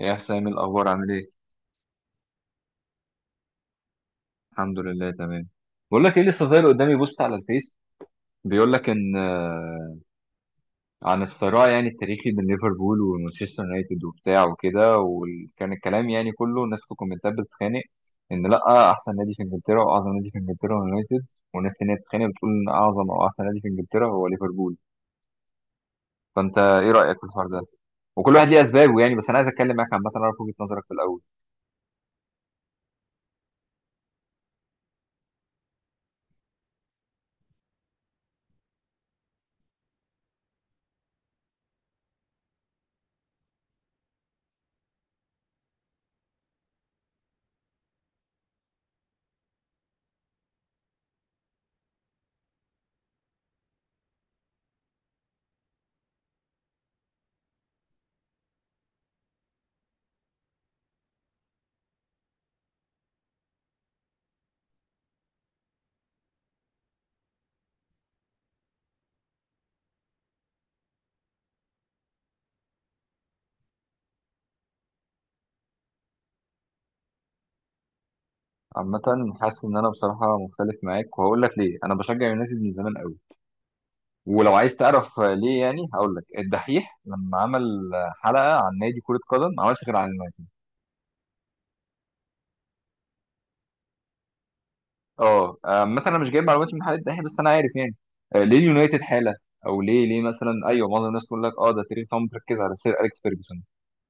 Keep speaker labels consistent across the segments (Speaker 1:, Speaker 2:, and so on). Speaker 1: ايه يا حسام، الاخبار عامل ايه؟ الحمد لله تمام. بقول لك ايه، لسه ظاهر قدامي بوست على الفيس بيقول لك ان عن الصراع يعني التاريخي بين ليفربول ومانشستر يونايتد وبتاع وكده. وكان الكلام يعني كله، الناس في الكومنتات بتتخانق ان لا، احسن نادي في انجلترا واعظم نادي في انجلترا هو يونايتد، وناس تانية بتتخانق بتقول ان اعظم او احسن نادي في انجلترا هو ليفربول. فانت ايه رايك في الحوار ده؟ وكل واحد ليه اسبابه يعني، بس انا عايز اتكلم معاك عامه اعرف وجهه نظرك في الاول. عامه حاسس ان انا بصراحه مختلف معاك، وهقول لك ليه. انا بشجع يونايتد من زمان قوي، ولو عايز تعرف ليه يعني هقول لك. الدحيح لما عمل حلقه عن نادي كره قدم ما عملش غير عن اليونايتد. اه مثلا انا مش جايب معلومات من حلقه الدحيح، بس انا عارف يعني. ليه اليونايتد حاله، او ليه ليه مثلا، ايوه معظم الناس تقول لك اه ده تيري فاهم مركز على سير اليكس فيرجسون.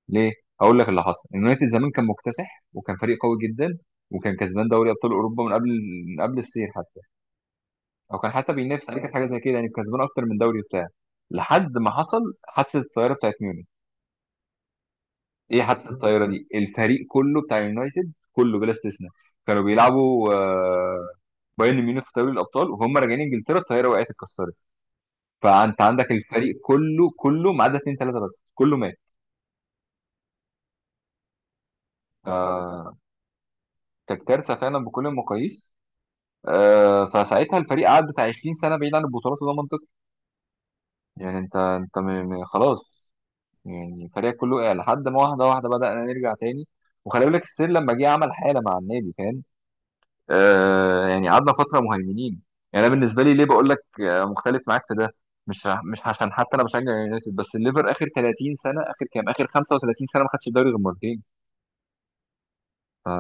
Speaker 1: ليه؟ هقول لك اللي حصل. اليونايتد زمان كان مكتسح وكان فريق قوي جدا، وكان كسبان دوري ابطال اوروبا من قبل، من قبل السير حتى، او كان حتى بينافس عليه، كانت حاجه زي كده يعني، كسبان اكتر من دوري بتاعه. لحد ما حصل حادثه الطياره بتاعت ميونخ. ايه حادثه الطياره دي؟ الفريق كله بتاع اليونايتد كله بلا استثناء كانوا بيلعبوا بايرن ميونخ في دوري الابطال، وهم راجعين انجلترا الطياره وقعت اتكسرت. فانت عندك الفريق كله، كله ما عدا اتنين تلاته، بس كله مات. آه، كانت كارثه فعلا بكل المقاييس. فساعتها الفريق قعد بتاع 20 سنه بعيد عن البطولات، وده منطقي يعني. انت خلاص، يعني فريقك كله وقع. لحد ما واحده واحده بدأنا نرجع تاني، وخلي بالك السير لما جه عمل حاله مع النادي، فاهم؟ آه يعني قعدنا فتره مهيمنين. يعني انا بالنسبه لي ليه بقول لك مختلف معاك في ده. مش عشان حتى انا بشجع يونايتد، بس الليفر اخر 30 سنه، اخر كام، اخر 35 سنه ما خدش الدوري غير مرتين. ف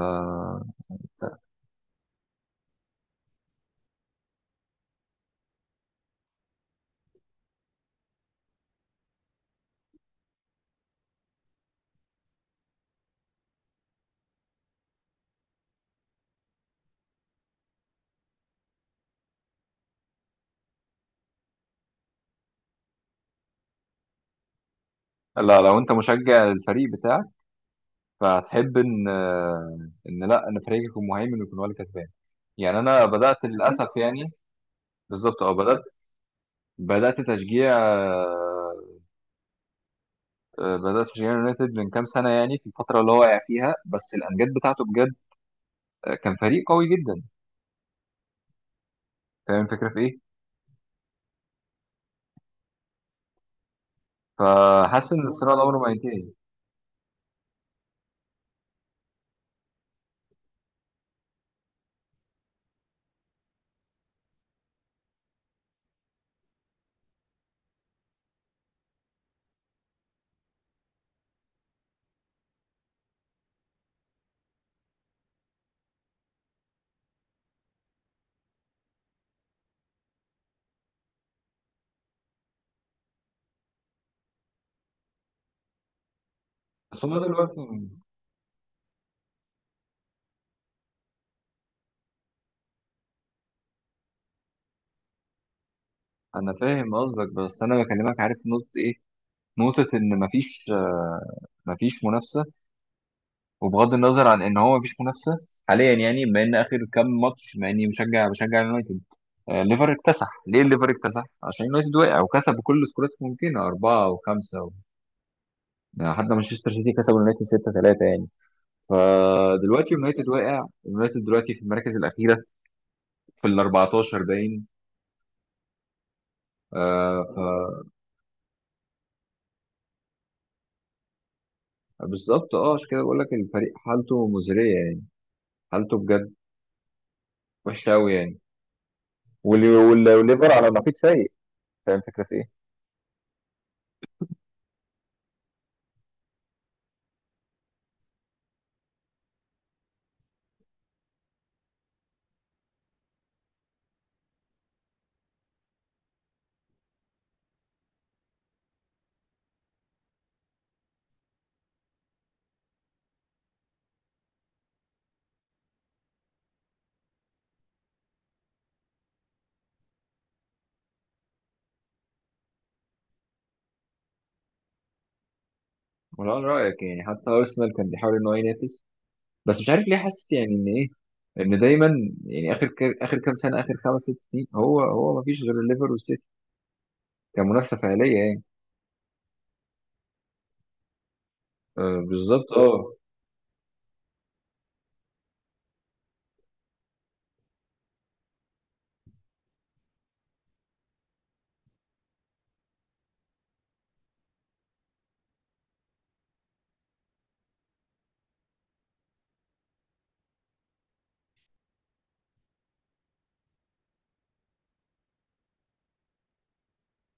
Speaker 1: لا، لو انت مشجع للفريق بتاعك فهتحب ان ان لا، ان فريقك يكون مهيمن ويكون هو اللي كسبان. يعني انا بدات للاسف يعني، بالظبط اه، بدات. بدات تشجيع آه، بدات تشجيع يونايتد من كام سنه، يعني في الفتره اللي هو واقع فيها، بس الامجاد بتاعته بجد كان فريق قوي جدا. فاهم الفكرة في إيه؟ فحاسس إن الصراع ده عمره ما هينتهي. بس هما دلوقتي، أنا فاهم قصدك، بس أنا بكلمك، عارف نقطة إيه؟ نقطة إن مفيش مفيش منافسة. وبغض النظر عن إن هو مفيش منافسة حاليا، يعني بما إن آخر كام ماتش، مع إني مشجع بشجع اليونايتد، ليفر اكتسح. ليه ليفر اكتسح؟ عشان اليونايتد وقع، وكسب بكل سكورات ممكنه، اربعه وخمسه و... يعني حتى مانشستر سيتي كسب اليونايتد 6-3 يعني. فدلوقتي اليونايتد واقع، اليونايتد دلوقتي في المراكز الاخيره، في ال 14 باين، آه. فبالظبط اه، عشان كده بقول لك الفريق حالته مزريه يعني، حالته بجد وحشه قوي يعني. والليفر على نقيض، سيء. فاهم الفكره في ايه؟ ولا انا رايك يعني حتى ارسنال كان بيحاول ان هو ينافس، بس مش عارف ليه. حاسس يعني ان ايه؟ ان دايما يعني اخر اخر كام سنه، اخر خمس ست سنين، هو ما فيش غير الليفر والسيتي كمنافسه فعليه يعني. آه بالظبط اه.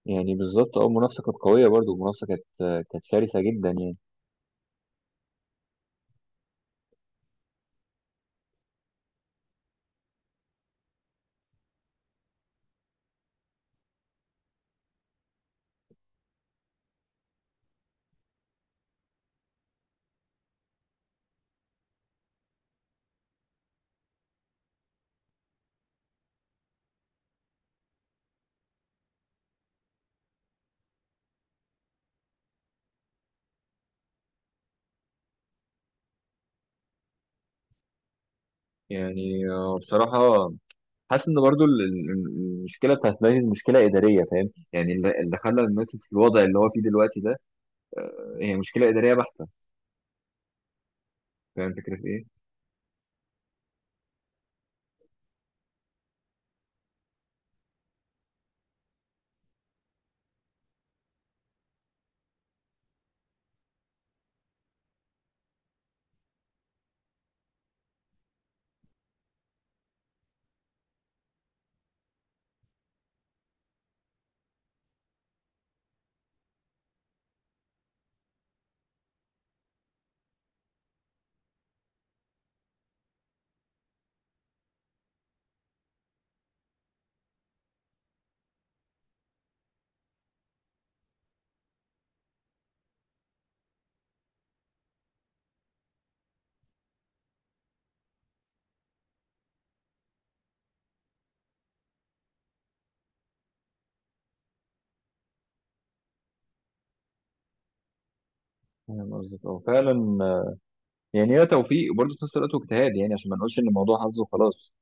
Speaker 1: يعني بالظبط اه، المنافسه كانت قويه، برضو المنافسه كانت. كانت شرسه جدا يعني. يعني آه بصراحه حاسس ان برضو المشكله بتاعت لاينز مشكله اداريه، فاهم يعني؟ اللي خلى اليونايتد في الوضع اللي هو فيه دلوقتي ده، هي مشكله اداريه بحته. فاهم الفكره في ايه؟ فاهم قصدك اه فعلا. يعني هي توفيق برضه في نفس الوقت واجتهاد، يعني عشان ما نقولش ان الموضوع حظ وخلاص.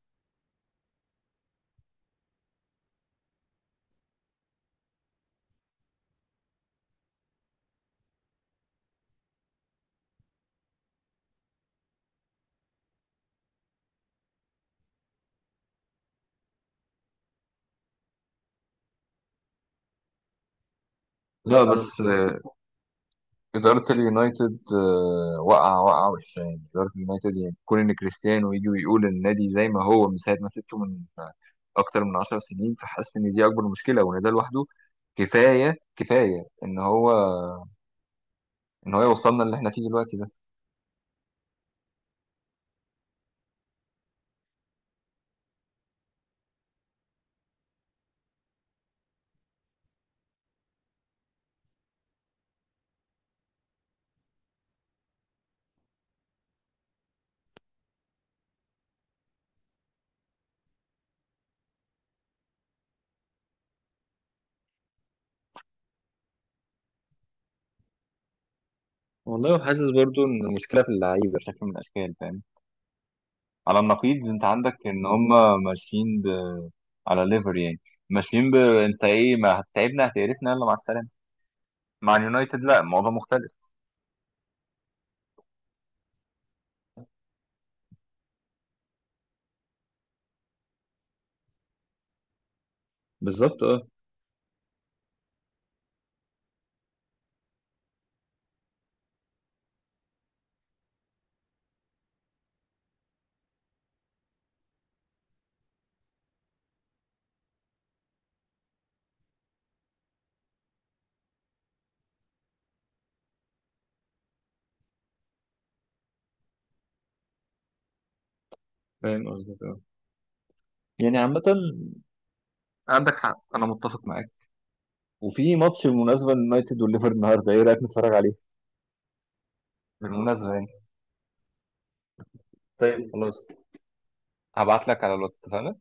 Speaker 1: لا لا، بس لا، إدارة اليونايتد واقعة واقعة وحشة يعني. إدارة اليونايتد يعني، كون إن كريستيانو يجي ويقول النادي زي ما هو من ساعة ما سبته، من أكتر من 10 سنين. فحاسس إن دي أكبر مشكلة، وإن ده لوحده كفاية كفاية إن هو، ان هو يوصلنا اللي احنا فيه دلوقتي ده. والله. وحاسس برضو ان المشكله في اللعيبه شكل من الاشكال، فاهم؟ على النقيض انت عندك ان هم ماشيين على ليفر يعني، ماشيين انت ايه، ما هتتعبنا هتقرفنا، يلا مع السلامه. مع اليونايتد لا، الموضوع مختلف. بالظبط اه. فاهم قصدك اه. يعني عامة عندك حق، أنا متفق معاك. وفي ماتش بالمناسبة اليونايتد والليفر النهاردة، إيه رأيك نتفرج عليه؟ بالمناسبة يعني. طيب خلاص، هبعت لك على الواتس، اتفقنا؟